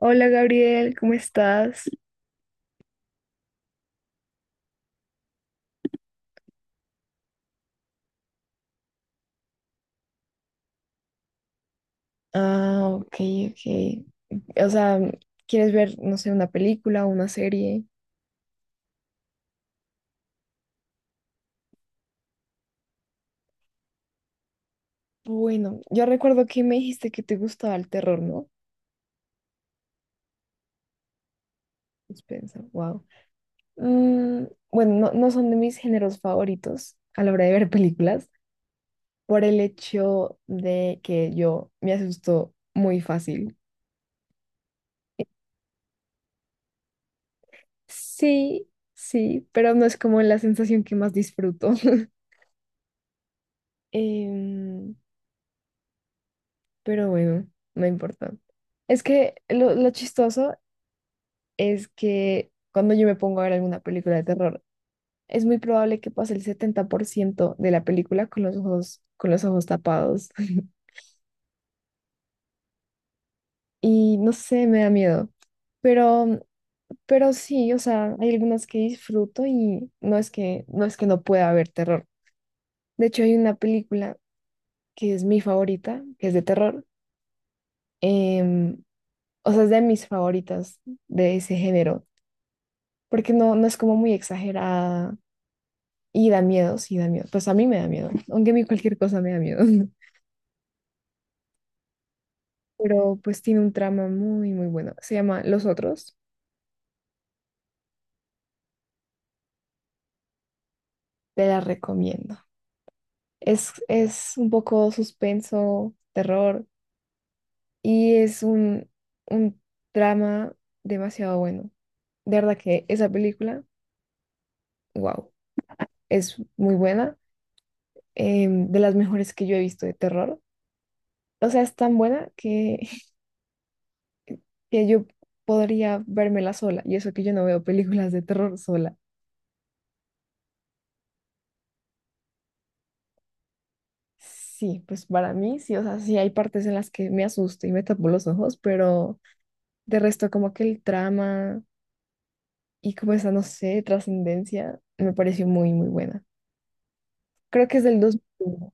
Hola Gabriel, ¿cómo estás? Ah, ok, ok. O sea, ¿quieres ver, no sé, una película o una serie? Bueno, yo recuerdo que me dijiste que te gustaba el terror, ¿no? Suspensa, wow. Mm, bueno, no, no son de mis géneros favoritos a la hora de ver películas, por el hecho de que yo me asusto muy fácil. Sí, sí, pero no es como la sensación que más disfruto. Em, pero bueno, no importa. Es que lo chistoso es que cuando yo me pongo a ver alguna película de terror, es muy probable que pase el 70% de la película con los ojos tapados. Y no sé, me da miedo. Pero, pero sí, o sea, hay algunas que disfruto y no es que no pueda haber terror. De hecho, hay una película que es mi favorita, que es de terror. em, o sea, es de mis favoritas de ese género porque no, no es como muy exagerada y da miedo, sí da miedo. Pues a mí me da miedo, aunque a mí cualquier cosa me da miedo. Pero pues tiene un trama muy, muy bueno. Se llama Los Otros, te la recomiendo. Es un poco suspenso, terror y es un drama demasiado bueno. De verdad que esa película, wow, es muy buena, de las mejores que yo he visto de terror. O sea, es tan buena que yo podría vérmela sola, y eso que yo no veo películas de terror sola. Sí, pues para mí sí, o sea, sí hay partes en las que me asusto y me tapo los ojos, pero de resto como que el trama y como esa, no sé, trascendencia me pareció muy, muy buena. Creo que es del 2001.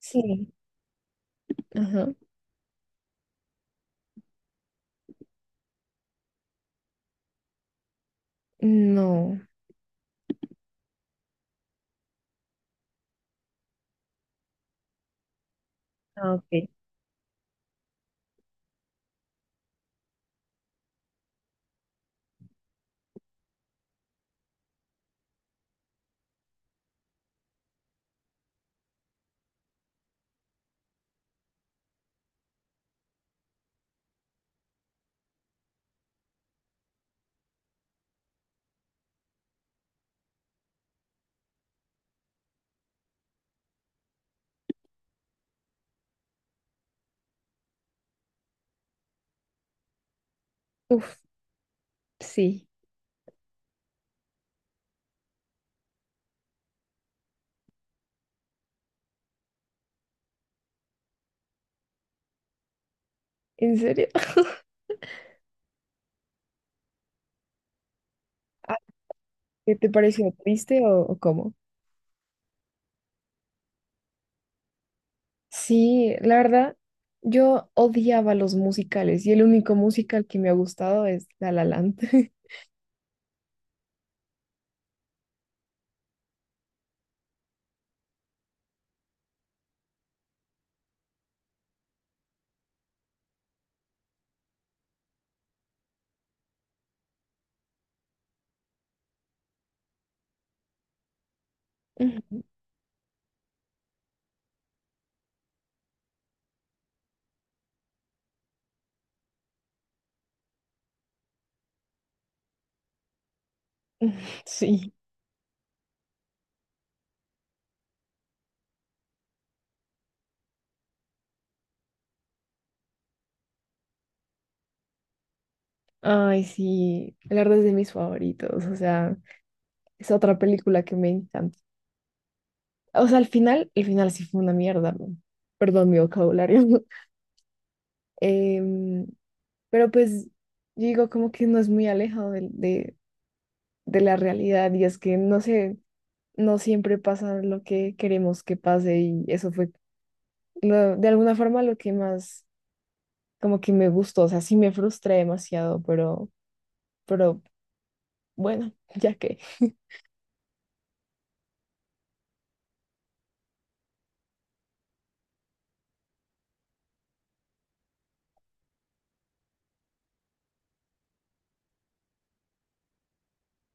Sí. Ajá. No. Ah, ok. Uf, sí. ¿En serio? Ah, ¿qué te pareció triste o cómo? Sí, la verdad, yo odiaba los musicales y el único musical que me ha gustado es La La Land. Ujú. Sí, ay, sí, la verdad es de mis favoritos, o sea, es otra película que me encanta. O sea, al final, el final sí fue una mierda, ¿no? Perdón mi vocabulario. Em, pero pues yo digo como que no es muy alejado de la realidad y es que no sé, no siempre pasa lo que queremos que pase y eso fue de alguna forma lo que más como que me gustó, o sea, sí me frustré demasiado, pero bueno, ya que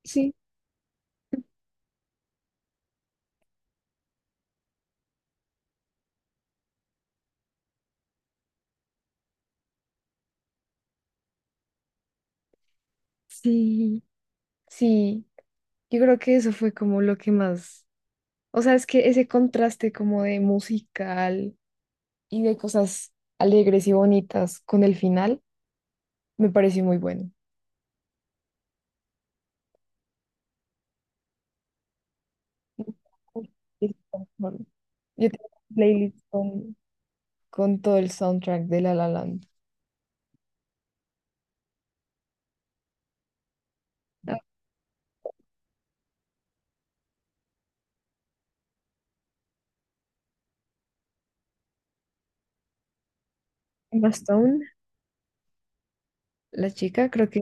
sí. Sí, sí, yo creo que eso fue como lo que más, o sea, es que ese contraste como de musical y de cosas alegres y bonitas con el final me pareció muy bueno. Yo tengo una playlist con todo el soundtrack de La La Land. Ah, Emma Stone, la chica, creo que.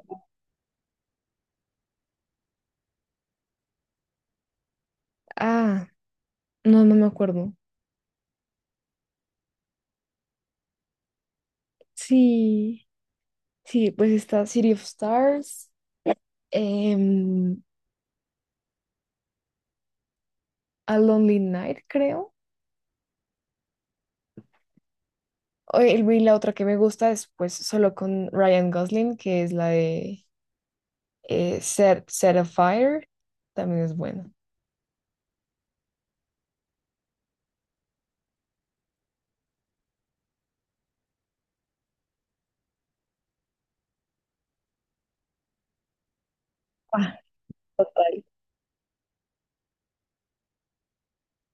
Ah, no, no me acuerdo. Sí, sí, pues está City of Stars, em, A Lonely Night, creo. O y la otra que me gusta es pues solo con Ryan Gosling, que es la de Set of Fire. También es buena. Ah,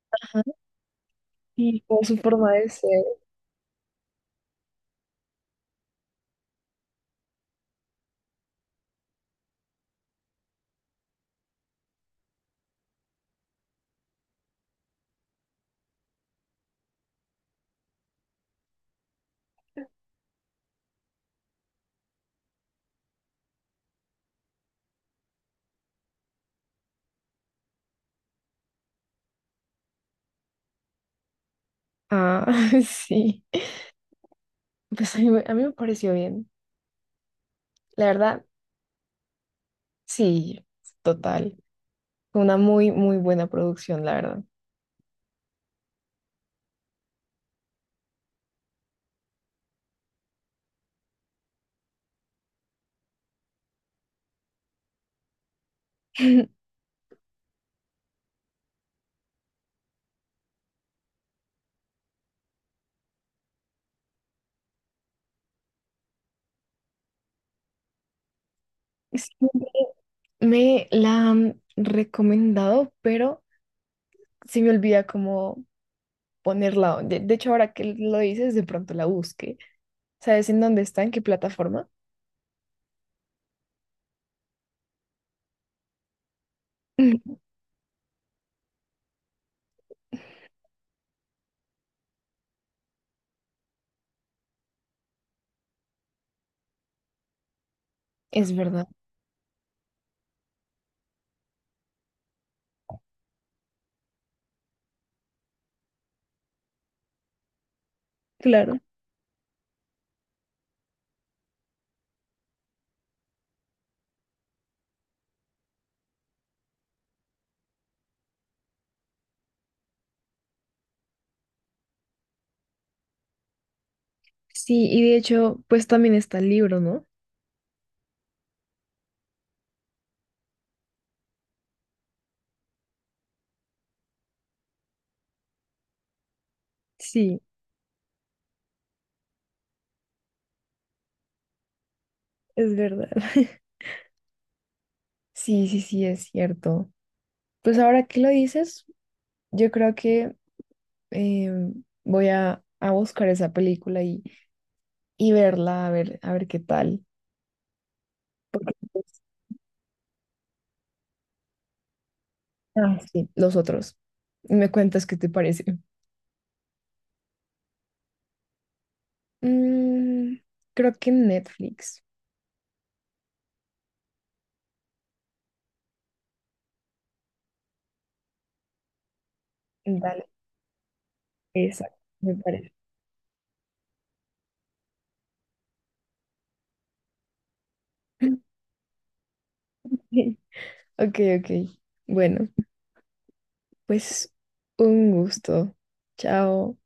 ajá. Y como su forma de ser. Ah, sí. Pues a mí, a mí me pareció bien. La verdad, sí, total. Fue una muy, muy buena producción, la verdad. Sí, me la han recomendado, pero se me olvida cómo ponerla. De hecho, ahora que lo dices, de pronto la busque. ¿Sabes en dónde está? ¿En qué plataforma? Es verdad, claro. Sí, y de hecho, pues también está el libro, ¿no? Sí, es verdad. Sí, sí, sí, es cierto. Pues ahora que lo dices, yo creo que eh, voy a buscar esa película y verla, a ver qué tal. Ah, sí, los otros. Me cuentas qué te parece. Mm, creo que Netflix. Dale, exacto, me parece. Ok, ok. Bueno, pues un gusto. Chao.